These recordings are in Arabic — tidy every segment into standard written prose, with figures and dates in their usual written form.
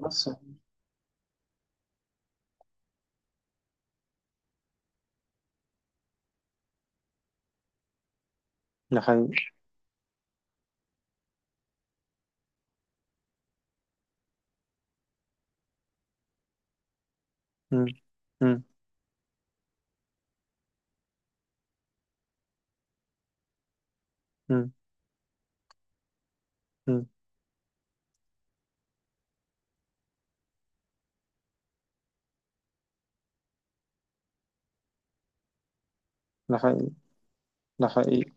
بس، ده حقيقي. مم. مم. مم. مم. ده حقيقي. ده حقيقي.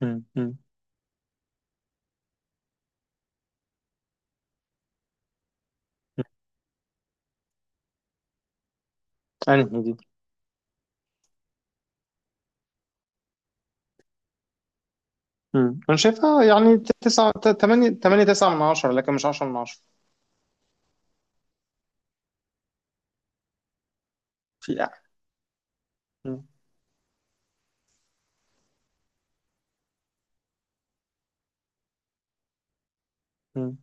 مم. مم. مم. أنهي دي؟ مم. أنا شايفها يعني تسعة تمانية، تمانية تسعة من عشرة لكن مش عشرة من عشرة. في أع-. مم. مم.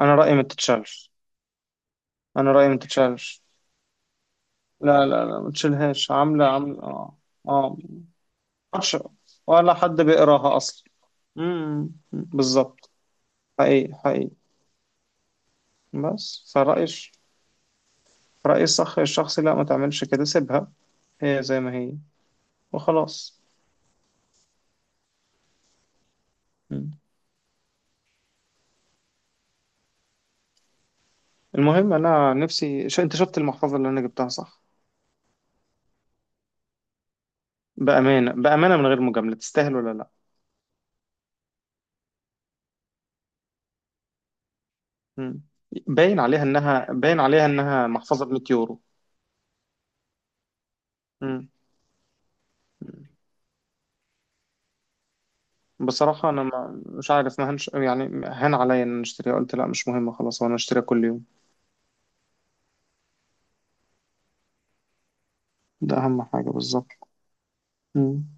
أنا رأيي ما تتشالش. أنا رأيي ما تتشالش. لا لا لا ما تشيلهاش، عاملة عاملة آه آه. عشرة. ولا حد بيقراها أصلا؟ مم. بالظبط. حقيقي حقيقي. بس فرأيي، رأيي الصح الشخصي، لا ما تعملش كده، سيبها هي زي ما هي وخلاص. مم. المهم، انا نفسي ش... انت شفت المحفظه اللي انا جبتها، صح؟ بامانه بامانه، من غير مجامله، تستاهل ولا لا؟ مم. باين عليها انها محفظه ب 100 يورو. مم. بصراحه انا ما... مش عارف ما هنش... يعني هان عليا ان أنا اشتريها، قلت لا مش مهم خلاص، وانا اشتريها كل يوم. ده اهم حاجه بالظبط. مم.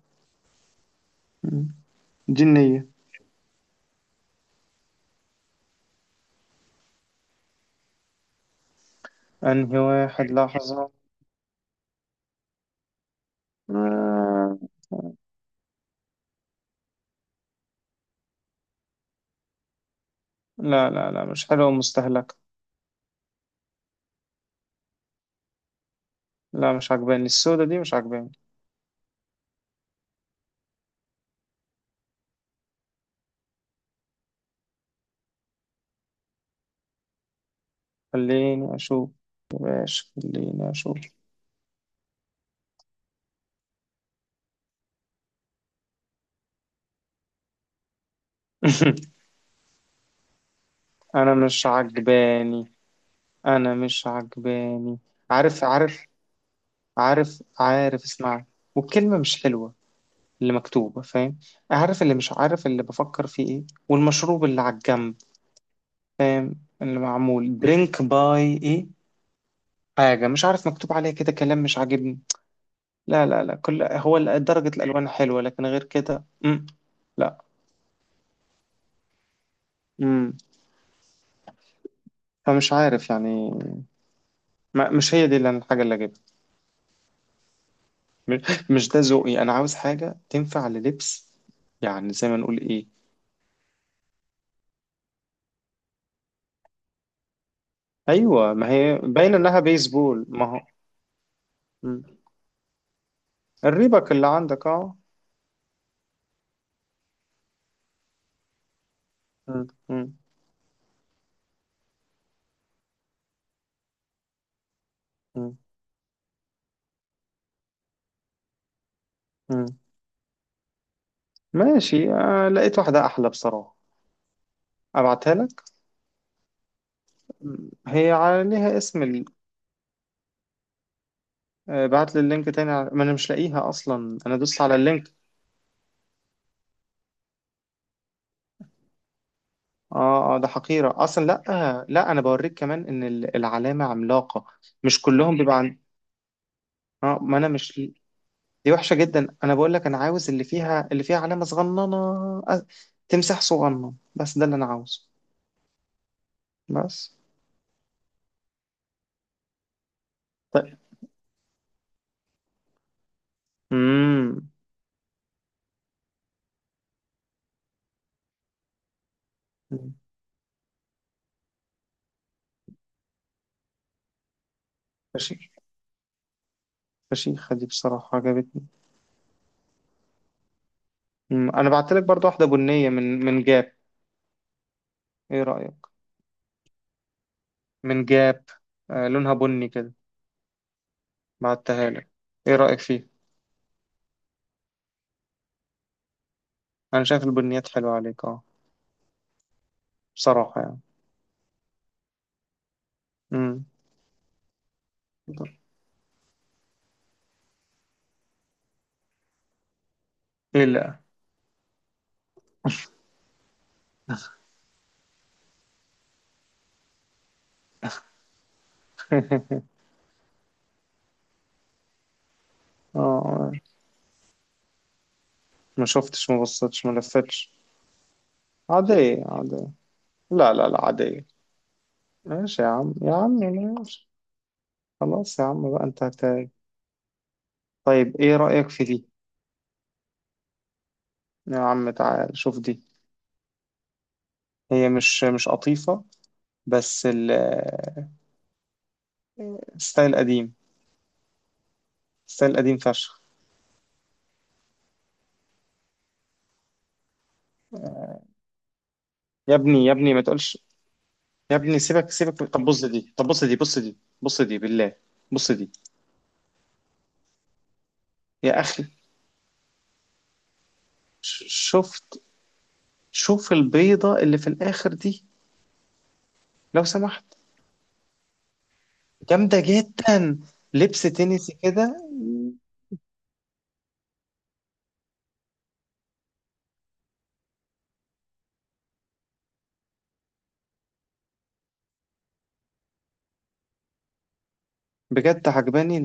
مم. دي النيه. انهي واحد؟ لحظه. آه. لا لا لا، مش حلوه ومستهلكه. لا مش عجباني، السودة دي مش عجباني. خليني اشوف. ايش؟ خليني اشوف. انا مش عجباني. انا مش عجباني. عارف عارف. عارف عارف، اسمع. والكلمة مش حلوة اللي مكتوبة، فاهم؟ عارف اللي... مش عارف اللي بفكر فيه ايه، والمشروب اللي على الجنب اللي معمول درينك باي ايه. حاجة، مش عارف، مكتوب عليها كده كلام مش عاجبني. لا لا لا، كل هو ال- درجة الألوان حلوة لكن غير كده. مم. لا. مم. فمش عارف يعني. ما مش هي دي اللي- الحاجة اللي أجيبها. م-. مش ده ذوقي، انا عاوز حاجه تنفع للبس، يعني زي ما نقول ايه. ايوه ما هي باين انها بيسبول، ما هو. م. الريبك اللي عندك، اه. م- م- م- م. ماشي، آه لقيت واحده احلى بصراحه. ابعتها لك. م. هي عليها اسم ال... آه، بعت لي اللينك تاني. ع- ما انا مش لاقيها اصلا، انا دوست على اللينك. اه اه، ده حقيره اصلا، لا آه لا، انا بوريك كمان ان ال- العلامه عملاقه. مش كلهم بيبقى عن... اه ما انا مش. دي وحشة جدا، انا بقول لك، انا عاوز اللي فيها، اللي فيها علامة صغننة. أ-. تمساح صغنن، بس ده اللي انا عاوزه. بس. طيب. امم فشيخ. فشيخة دي بصراحة، عجبتني. مم. انا بعت لك برضو واحدة بنية من جاب. ايه رأيك؟ من جاب. آه لونها بني كده، بعتها لك، ايه رأيك فيه؟ انا شايف البنيات حلوة عليك، اه. بصراحة يعني. امم ايه لا. اه ما شفتش، ما بصيتش، ما لفتش. عادية عادية. لا لا لا عادية. ماشي يا عم، يا عم ماشي. خلاص يا عم بقى، انت هت... طيب ايه رأيك في دي؟ يا عم تعال شوف دي. هي مش قطيفة، بس ال- الستايل قديم. الستايل قديم فشخ. يا ابني يا ابني، ما تقولش. يا ابني سيبك سيبك، طب بص دي، طب بص دي، بص دي، بص دي بالله. بص دي. يا اخي، ش- شفت. شوف البيضة اللي في الاخر دي، لو سمحت. جامدة جدا. لبس تنسي كده. بجد عجباني،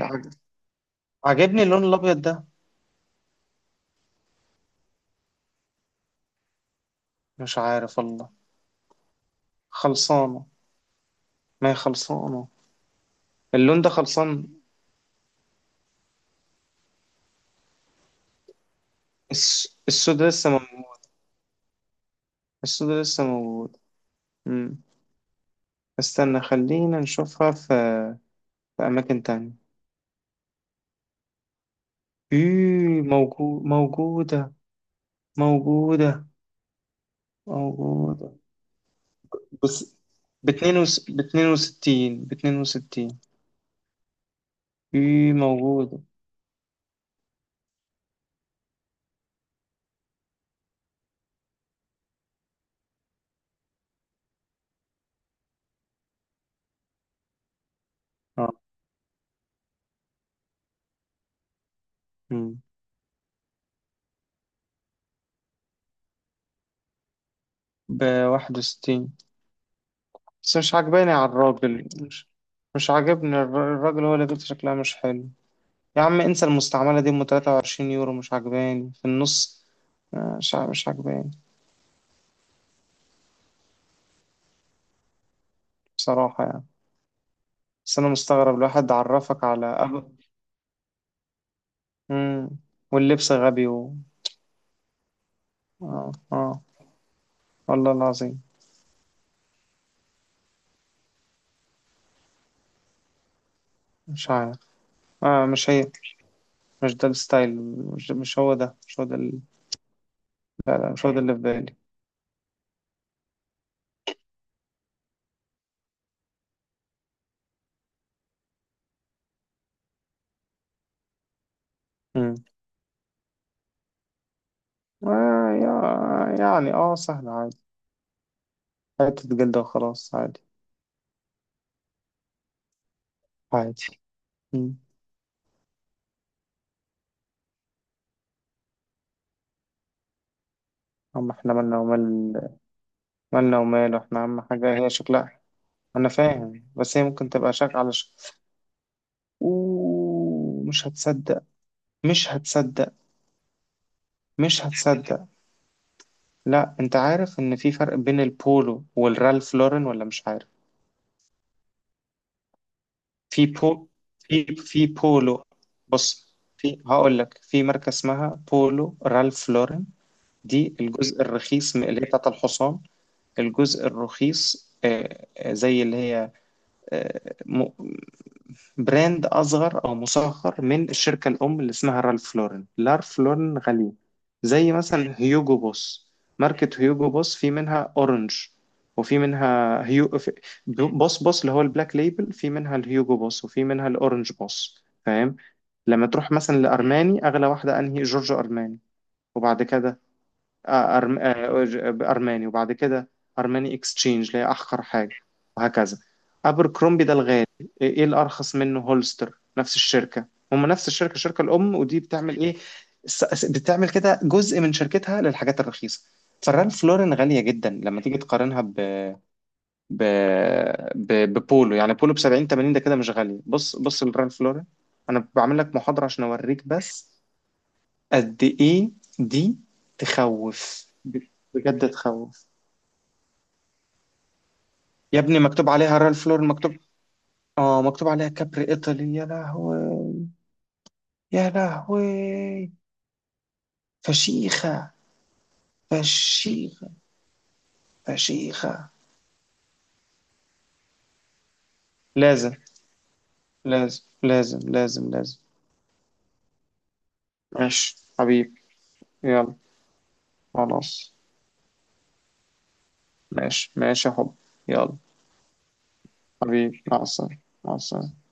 عجبني اللون الابيض ده. مش عارف والله. خلصانة. ما هي خلصانة. اللون ده خلصان. الس... السود لسه موجود. السود لسه موجود. مم. استنى، خلينا نشوفها في أماكن تانية. إيه موجود، موجودة. موجودة. موجودة. بس باتنين وس... 62، 62. إيه موجودة. اه. مم. 61. بس مش عاجباني على الراجل، مش. مش عاجبني الر- الراجل، هو اللي بيت شكلها مش حلو. يا عم انسى، المستعملة دي 23 يورو، مش عجباني في النص. مش ع- مش عجباني بصراحة يعني. بس انا مستغرب، الواحد عرفك على أب... مم. واللبس غبي و... اه اه، والله العظيم. مش عارف. آه مش هي، مش ده الستايل. مش هو ده، مش هو ده اللي في بالي. مم. آه يا... يعني اه، سهل عادي. حتة جلدة وخلاص، عادي. عادي. مم. أما احنا مالنا ومال... مالنا ومال احنا؟ أهم حاجة هي شكلها. انا فاهم، بس هي ممكن تبقى شك على شك. ومش هتصدق. مش هتصدق. مش هتصدق. لا انت عارف ان في فرق بين البولو والرالف لورن ولا مش عارف؟ في بو. في بولو. بص، في، هقول لك، في ماركة اسمها بولو رالف لورن. دي الجزء الرخيص م- اللي هي بتاعت الحصان. الجزء الرخيص، زي اللي هي براند أصغر أو مصغر من الشركة الأم اللي اسمها رالف لورن. لارف لورن غالية. زي مثلا هيوجو بوس. ماركة هيوجو بوس في منها أورنج، وفي منها هيو في-. بوس بوس اللي هو البلاك ليبل، في منها الهيوجو بوس، وفي منها الأورنج بوس، فاهم؟ لما تروح مثلا لأرماني، أغلى واحدة أنهي؟ جورجو أرماني. وبعد كده أرماني. وبعد كده أرماني إكستشينج اللي هي أحقر حاجة، وهكذا. أبركرومبي ده الغالي. إيه إيه، الأرخص منه هولستر، نفس الشركة. هم نفس الشركة الأم، ودي بتعمل إيه؟ س- س- بتعمل كده جزء من شركتها للحاجات الرخيصة. فرالف لورين غالية جدا لما تيجي تقارنها ب... ب... ب... ببولو. يعني بولو ب 70 80 ده كده مش غالية. بص، بص لرالف لورين، أنا بعمل لك محاضرة عشان أوريك بس قد ايه دي. تخوف ب-. بجد تخوف. يا ابني مكتوب عليها رال فلور، مكتوب. اه مكتوب عليها كابري ايطالي، يا لهوي، يا لهوي. فشيخة. فشيخة. فشيخة. لازم. لازم لازم لازم لازم ماشي حبيبي. يلا. خلاص. ماشي ماشي يا حب. يلا. حبيبي مع السلامة. مع السلامة.